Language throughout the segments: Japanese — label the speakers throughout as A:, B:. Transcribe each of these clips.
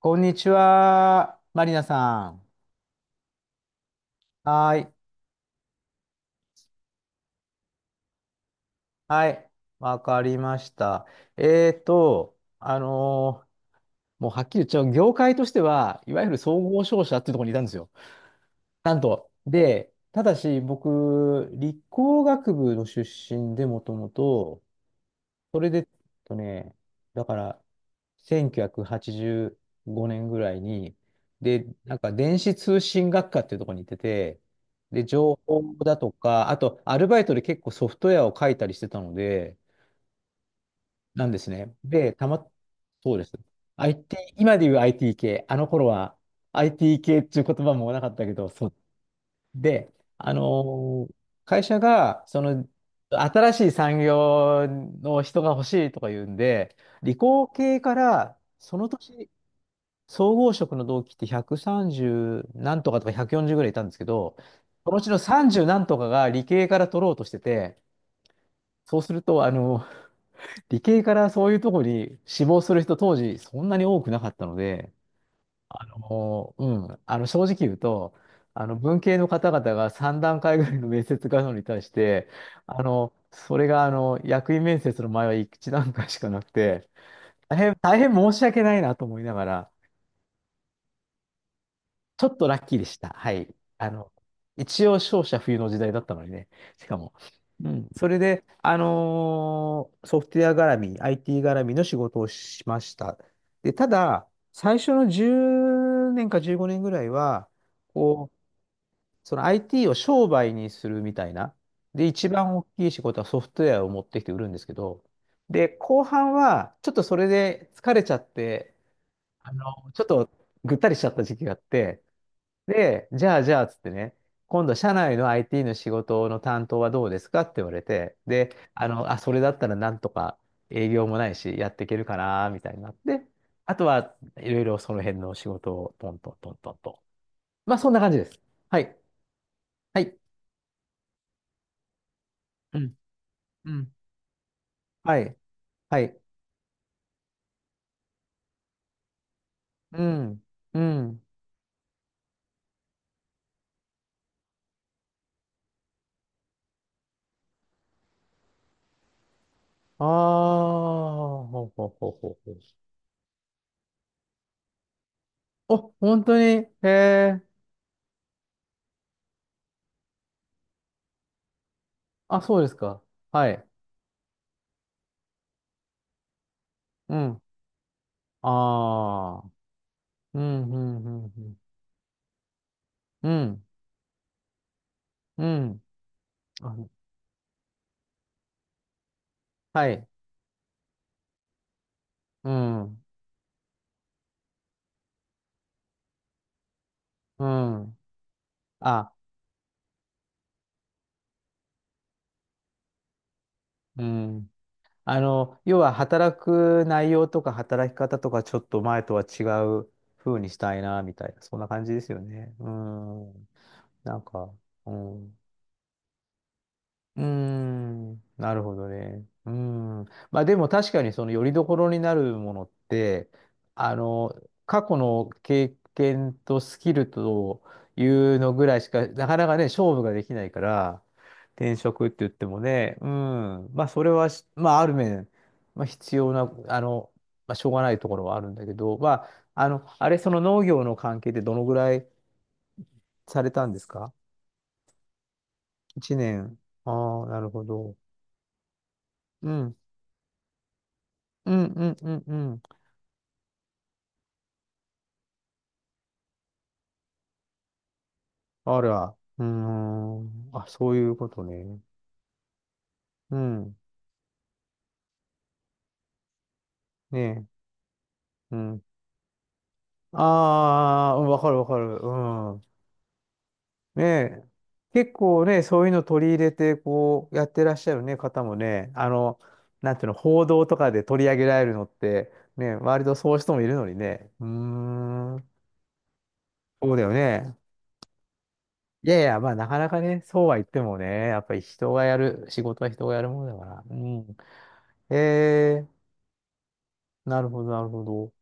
A: こんにちは、マリナさん。はーい。はい。わかりました。えーと、あのーもうはっきり言っちゃう、業界としては、いわゆる総合商社っていうところにいたんですよ。なんと。で、ただし、僕、理工学部の出身で、もともと、それで、とね、だから、1985年ぐらいに、で、なんか電子通信学科っていうところに行ってて、で、情報だとか、あと、アルバイトで結構ソフトウェアを書いたりしてたので、なんですね。で、そうです。IT、今で言う IT 系、あの頃は IT 系っていう言葉もなかったけど、そう、で、会社が、その、新しい産業の人が欲しいとか言うんで、理工系から、その年、総合職の同期って130何とかとか140ぐらいいたんですけど、そのうちの30何とかが理系から取ろうとしてて、そうすると、あの、理系からそういうとこに志望する人当時そんなに多くなかったので、もう、うん、あの正直言うと、あの文系の方々が3段階ぐらいの面接があるのに対して、あのそれがあの役員面接の前は1段階しかなくて、大変、大変申し訳ないなと思いながら、ちょっとラッキーでした。はい。あの一応、勝者冬の時代だったのにね、しかも。うん、それで、ソフトウェア絡み、IT 絡みの仕事をしました。で、ただ、最初の10年か15年ぐらいは、こう、その IT を商売にするみたいな。で、一番大きい仕事はソフトウェアを持ってきて売るんですけど、で、後半はちょっとそれで疲れちゃって、あの、ちょっとぐったりしちゃった時期があって、で、じゃあじゃあっつってね、今度社内の IT の仕事の担当はどうですかって言われて、で、あの、あ、それだったらなんとか営業もないし、やっていけるかな、みたいになって、あとはいろいろその辺の仕事をトントントントンと。まあ、そんな感じです。はい。はい。うんうん。はい。はい。うん。うん。ああ、ほうほうほうほうほう。お、本当にへえ。あ、そうですか。はい。うん。ああ。うん、うん、うん、うん。うん。うんあはい。うん。うん。あ、うん。あの、要は働く内容とか働き方とかちょっと前とは違う風にしたいな、みたいな。そんな感じですよね。うん。なんか、うん。うーん、なるほどね。うーん。まあでも確かにその拠り所になるものって、あの、過去の経験とスキルというのぐらいしか、なかなかね、勝負ができないから、転職って言ってもね、うん。まあそれはし、まあある面、まあ必要な、あの、まあしょうがないところはあるんだけど、まあ、あの、あれ、その農業の関係でどのぐらいされたんですか？ 1 年。ああ、なるほど。うん。うんうんうんうん。あら、うーん。あ、そういうことね。うん。ねえ。うん。ああ、うんわかるわかる。うん。ねえ。結構ね、そういうの取り入れて、こう、やってらっしゃるね、方もね、あの、なんていうの、報道とかで取り上げられるのって、ね、割とそういう人もいるのにね。うーん。そうだよね。いやいや、まあ、なかなかね、そうは言ってもね、やっぱり人がやる、仕事は人がやるものだから。うん。えーなるほど、なるほど。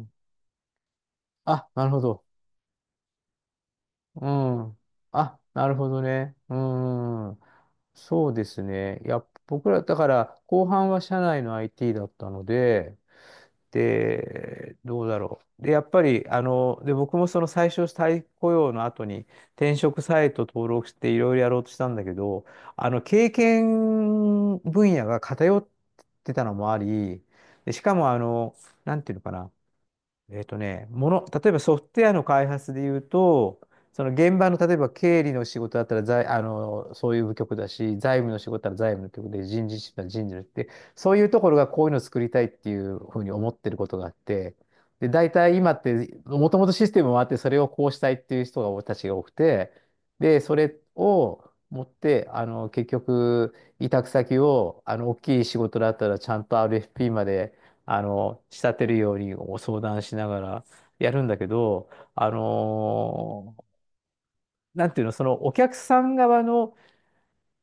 A: うん。あ、なるほど。うん。あ、なるほどね。うん。そうですね。いや、僕ら、だから、後半は社内の IT だったので、で、どうだろう。で、やっぱり、あの、で、僕もその最初、再雇用の後に転職サイト登録していろいろやろうとしたんだけど、あの、経験分野が偏ってたのもあり、で、しかも、あの、なんていうのかな。もの、例えばソフトウェアの開発で言うと、その現場の例えば経理の仕事だったら財、あの、そういう部局だし、財務の仕事だったら財務の局で、人事室なら人事のって、そういうところがこういうのを作りたいっていうふうに思ってることがあって、で、大体今って、もともとシステムもあって、それをこうしたいっていう人が、たちが多くて、で、それを持って、あの、結局、委託先を、あの、大きい仕事だったらちゃんと RFP まで、あの、仕立てるようにご相談しながらやるんだけど、なんていうの、そのお客さん側の、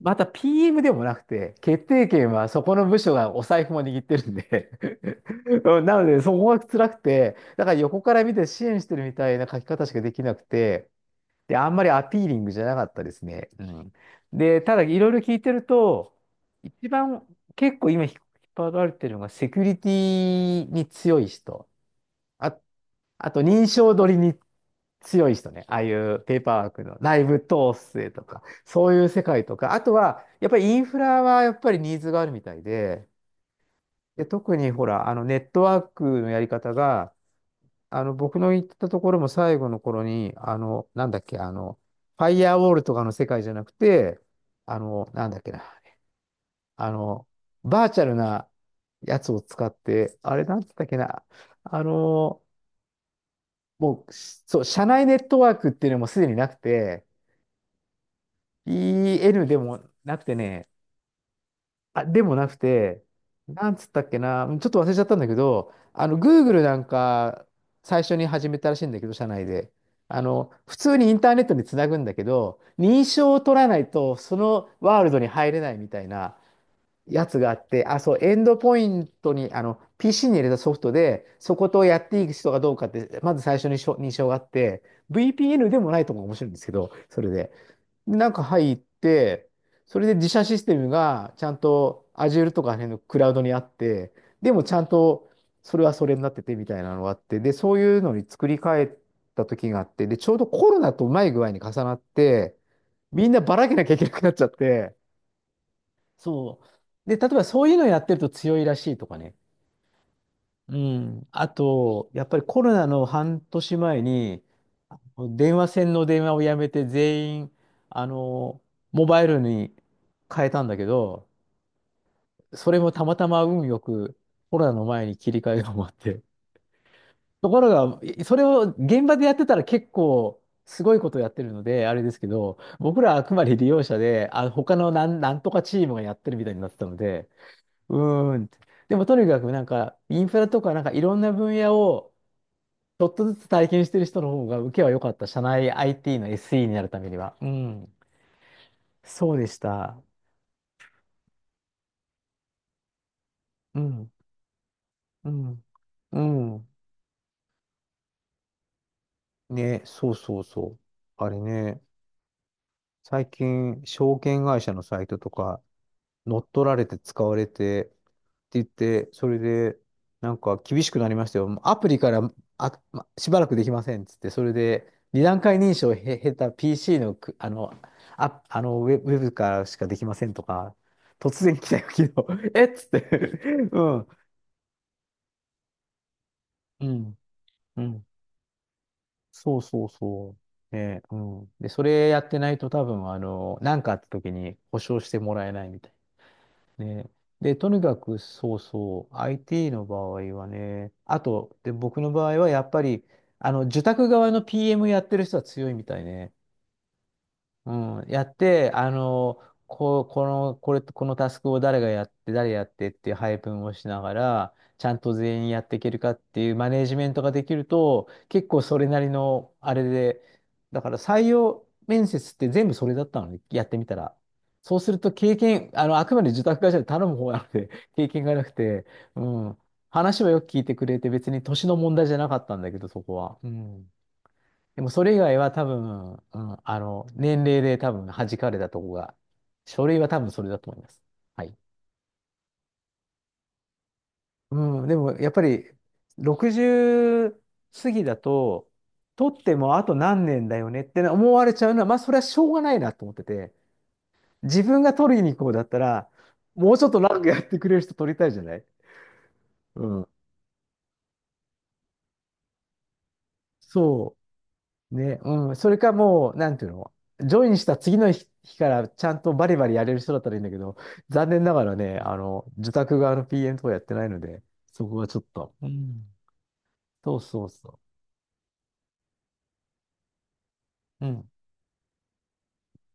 A: また PM でもなくて、決定権はそこの部署がお財布も握ってるんで うんなので、そこが辛くて、だから横から見て支援してるみたいな書き方しかできなくて、で、あんまりアピーリングじゃなかったですね。うん。で、ただいろいろ聞いてると、一番結構今引っ張られてるのがセキュリティに強い人。あ、あと、認証取りに強い人ね。ああいうペーパーワークの内部統制とか、そういう世界とか、あとは、やっぱりインフラはやっぱりニーズがあるみたいで、で、特にほら、あの、ネットワークのやり方が、あの、僕の行ったところも最後の頃に、あの、なんだっけ、あの、ファイアウォールとかの世界じゃなくて、あの、なんだっけな、あの、バーチャルなやつを使って、あれ、なんつったっけな、あの、もう、そう、社内ネットワークっていうのもすでになくて、EN でもなくてね、あ、でもなくて、なんつったっけな、ちょっと忘れちゃったんだけど、あの、Google なんか、最初に始めたらしいんだけど、社内で。あの、普通にインターネットにつなぐんだけど、認証を取らないと、そのワールドに入れないみたいな、やつがあって、あ、そう、エンドポイントに、あの、PC に入れたソフトで、そことをやっていく人がどうかって、まず最初にしょ認証があって、VPN でもないとも面白いんですけど、それで。でなんか入って、それで自社システムがちゃんと Azure とかあの辺のクラウドにあって、でもちゃんとそれはそれになっててみたいなのがあって、で、そういうのに作り変えた時があって、で、ちょうどコロナとうまい具合に重なって、みんなばらけなきゃいけなくなっちゃって、そう。で、例えばそういうのやってると強いらしいとかね。うん。あと、やっぱりコロナの半年前に、あの電話線の電話をやめて全員、あの、モバイルに変えたんだけど、それもたまたま運よくコロナの前に切り替えが終わって。ところが、それを現場でやってたら結構すごいことやってるので、あれですけど、僕らはあくまで利用者で、あ、他のなん、なんとかチームがやってるみたいになってたので、うーんって。でもとにかくなんか、インフラとかなんかいろんな分野をちょっとずつ体験してる人の方が受けは良かった。社内 IT の SE になるためには。うん。そうでした。うん。うん。うん。ね、そうそうそう。あれね、最近、証券会社のサイトとか、乗っ取られて使われてって言って、それで、なんか厳しくなりましたよ。もうアプリからしばらくできませんっつって、それで二段階認証を経た PC のあの、あ、あのウェブからしかできませんとか、突然来たよ、昨日。えっつって うん。うん。うん。そうそうそう。ね、うん。で、それやってないと多分、あの、なんかあった時に保証してもらえないみたいな。ね。で、とにかく、そうそう、IT の場合はね、あと、で、僕の場合はやっぱり、あの、受託側の PM やってる人は強いみたいね。うん、やって、あの、このタスクを誰がやって、誰やってっていう配分をしながら、ちゃんと全員やっていけるかっていうマネージメントができると、結構それなりの、あれで、だから採用面接って全部それだったのね、やってみたら。そうすると経験、あの、あくまで受託会社で頼む方なので、経験がなくて、うん、話はよく聞いてくれて、別に年の問題じゃなかったんだけど、そこは。うん。でもそれ以外は多分、うん、あの、年齢で多分弾かれたとこが、書類は多分それだと思います。はい。うん、でもやっぱり60過ぎだと、取ってもあと何年だよねって思われちゃうのは、まあそれはしょうがないなと思ってて、自分が取りに行こうだったら、もうちょっと長くやってくれる人取りたいじゃない。うん。そう。ね、うん。それかもう、なんていうの、ジョインした次の日からちゃんとバリバリやれる人だったらいいんだけど、残念ながらね、あの、受託側の PM とかやってないので、そこはちょっと。うん。そうそうそう。うん。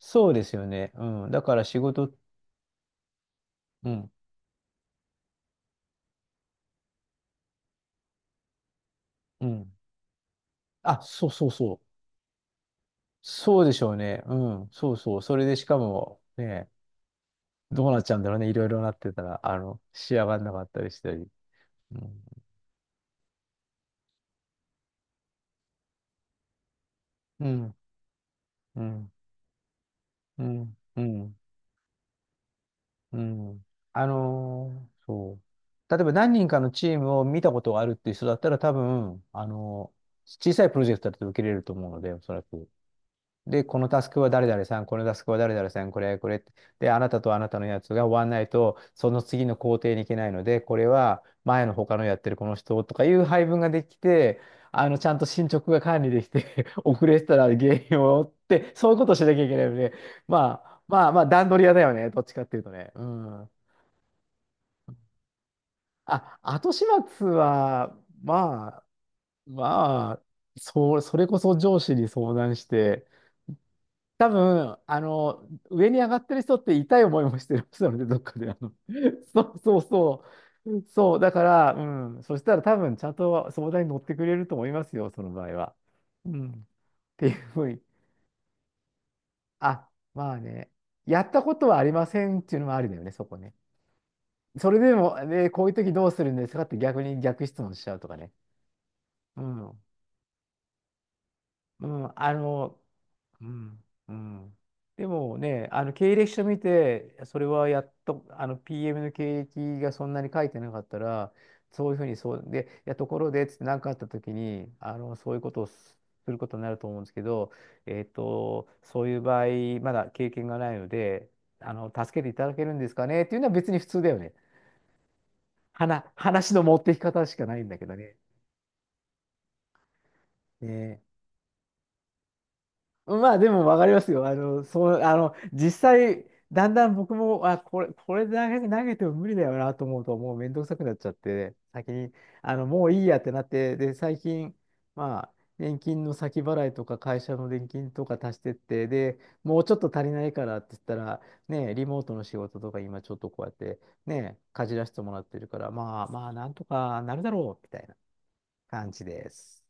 A: そうですよね。うん。だから仕事、うん。うん。あ、そうそうそう。そうでしょうね。うん。そうそう。それでしかも、ね、どうなっちゃうんだろうね。いろいろなってたら、あの、仕上がんなかったりしたり。うん。うん。うん。うん。うんうん。あのーそう。例えば何人かのチームを見たことがあるっていう人だったら多分、あのー小さいプロジェクトだと受けれると思うので、おそらく。で、このタスクは誰々さん、このタスクは誰々さん、これって。で、あなたとあなたのやつが終わんないと、その次の工程に行けないので、これは前の他のやってるこの人とかいう配分ができて、あの、ちゃんと進捗が管理できて 遅れてたら原因を追って、そういうことをしなきゃいけないので、まあ、まあまあ段取り屋だよね、どっちかっていうとね。うん。あ、後始末は、まあ、まあ、そう、それこそ上司に相談して、多分、あの、上に上がってる人って痛い思いもしてる人なので、どっかで、あの、そうそうそう、そう、だから、うん、そしたら多分、ちゃんと相談に乗ってくれると思いますよ、その場合は。うん。っていうふうに、あ、まあね、やったことはありませんっていうのもありだよね、そこね。それでも、ね、こういう時どうするんですかって逆に逆質問しちゃうとかね。うん。うん、あの、うん、うん。でもね、あの経歴書見て、それはやっと、あの PM の経歴がそんなに書いてなかったら、そういうふうにそう、で、いや、ところで、つって何かあった時に、あの、そういうことをすることになると思うんですけど、えっと、そういう場合、まだ経験がないので、あの、助けていただけるんですかねっていうのは別に普通だよね。話の持っていき方しかないんだけどね。ね。まあでも分かりますよ。あの、そう、あの、実際、だんだん僕も、あ、これ、これ投げ、投げても無理だよなと思うと、もうめんどくさくなっちゃって、先に、あの、もういいやってなって、で、最近、まあ、年金の先払いとか、会社の年金とか足してって、で、もうちょっと足りないからって言ったら、ね、リモートの仕事とか、今ちょっとこうやって、ね、かじらせてもらってるから、まあまあ、なんとかなるだろう、みたいな感じです。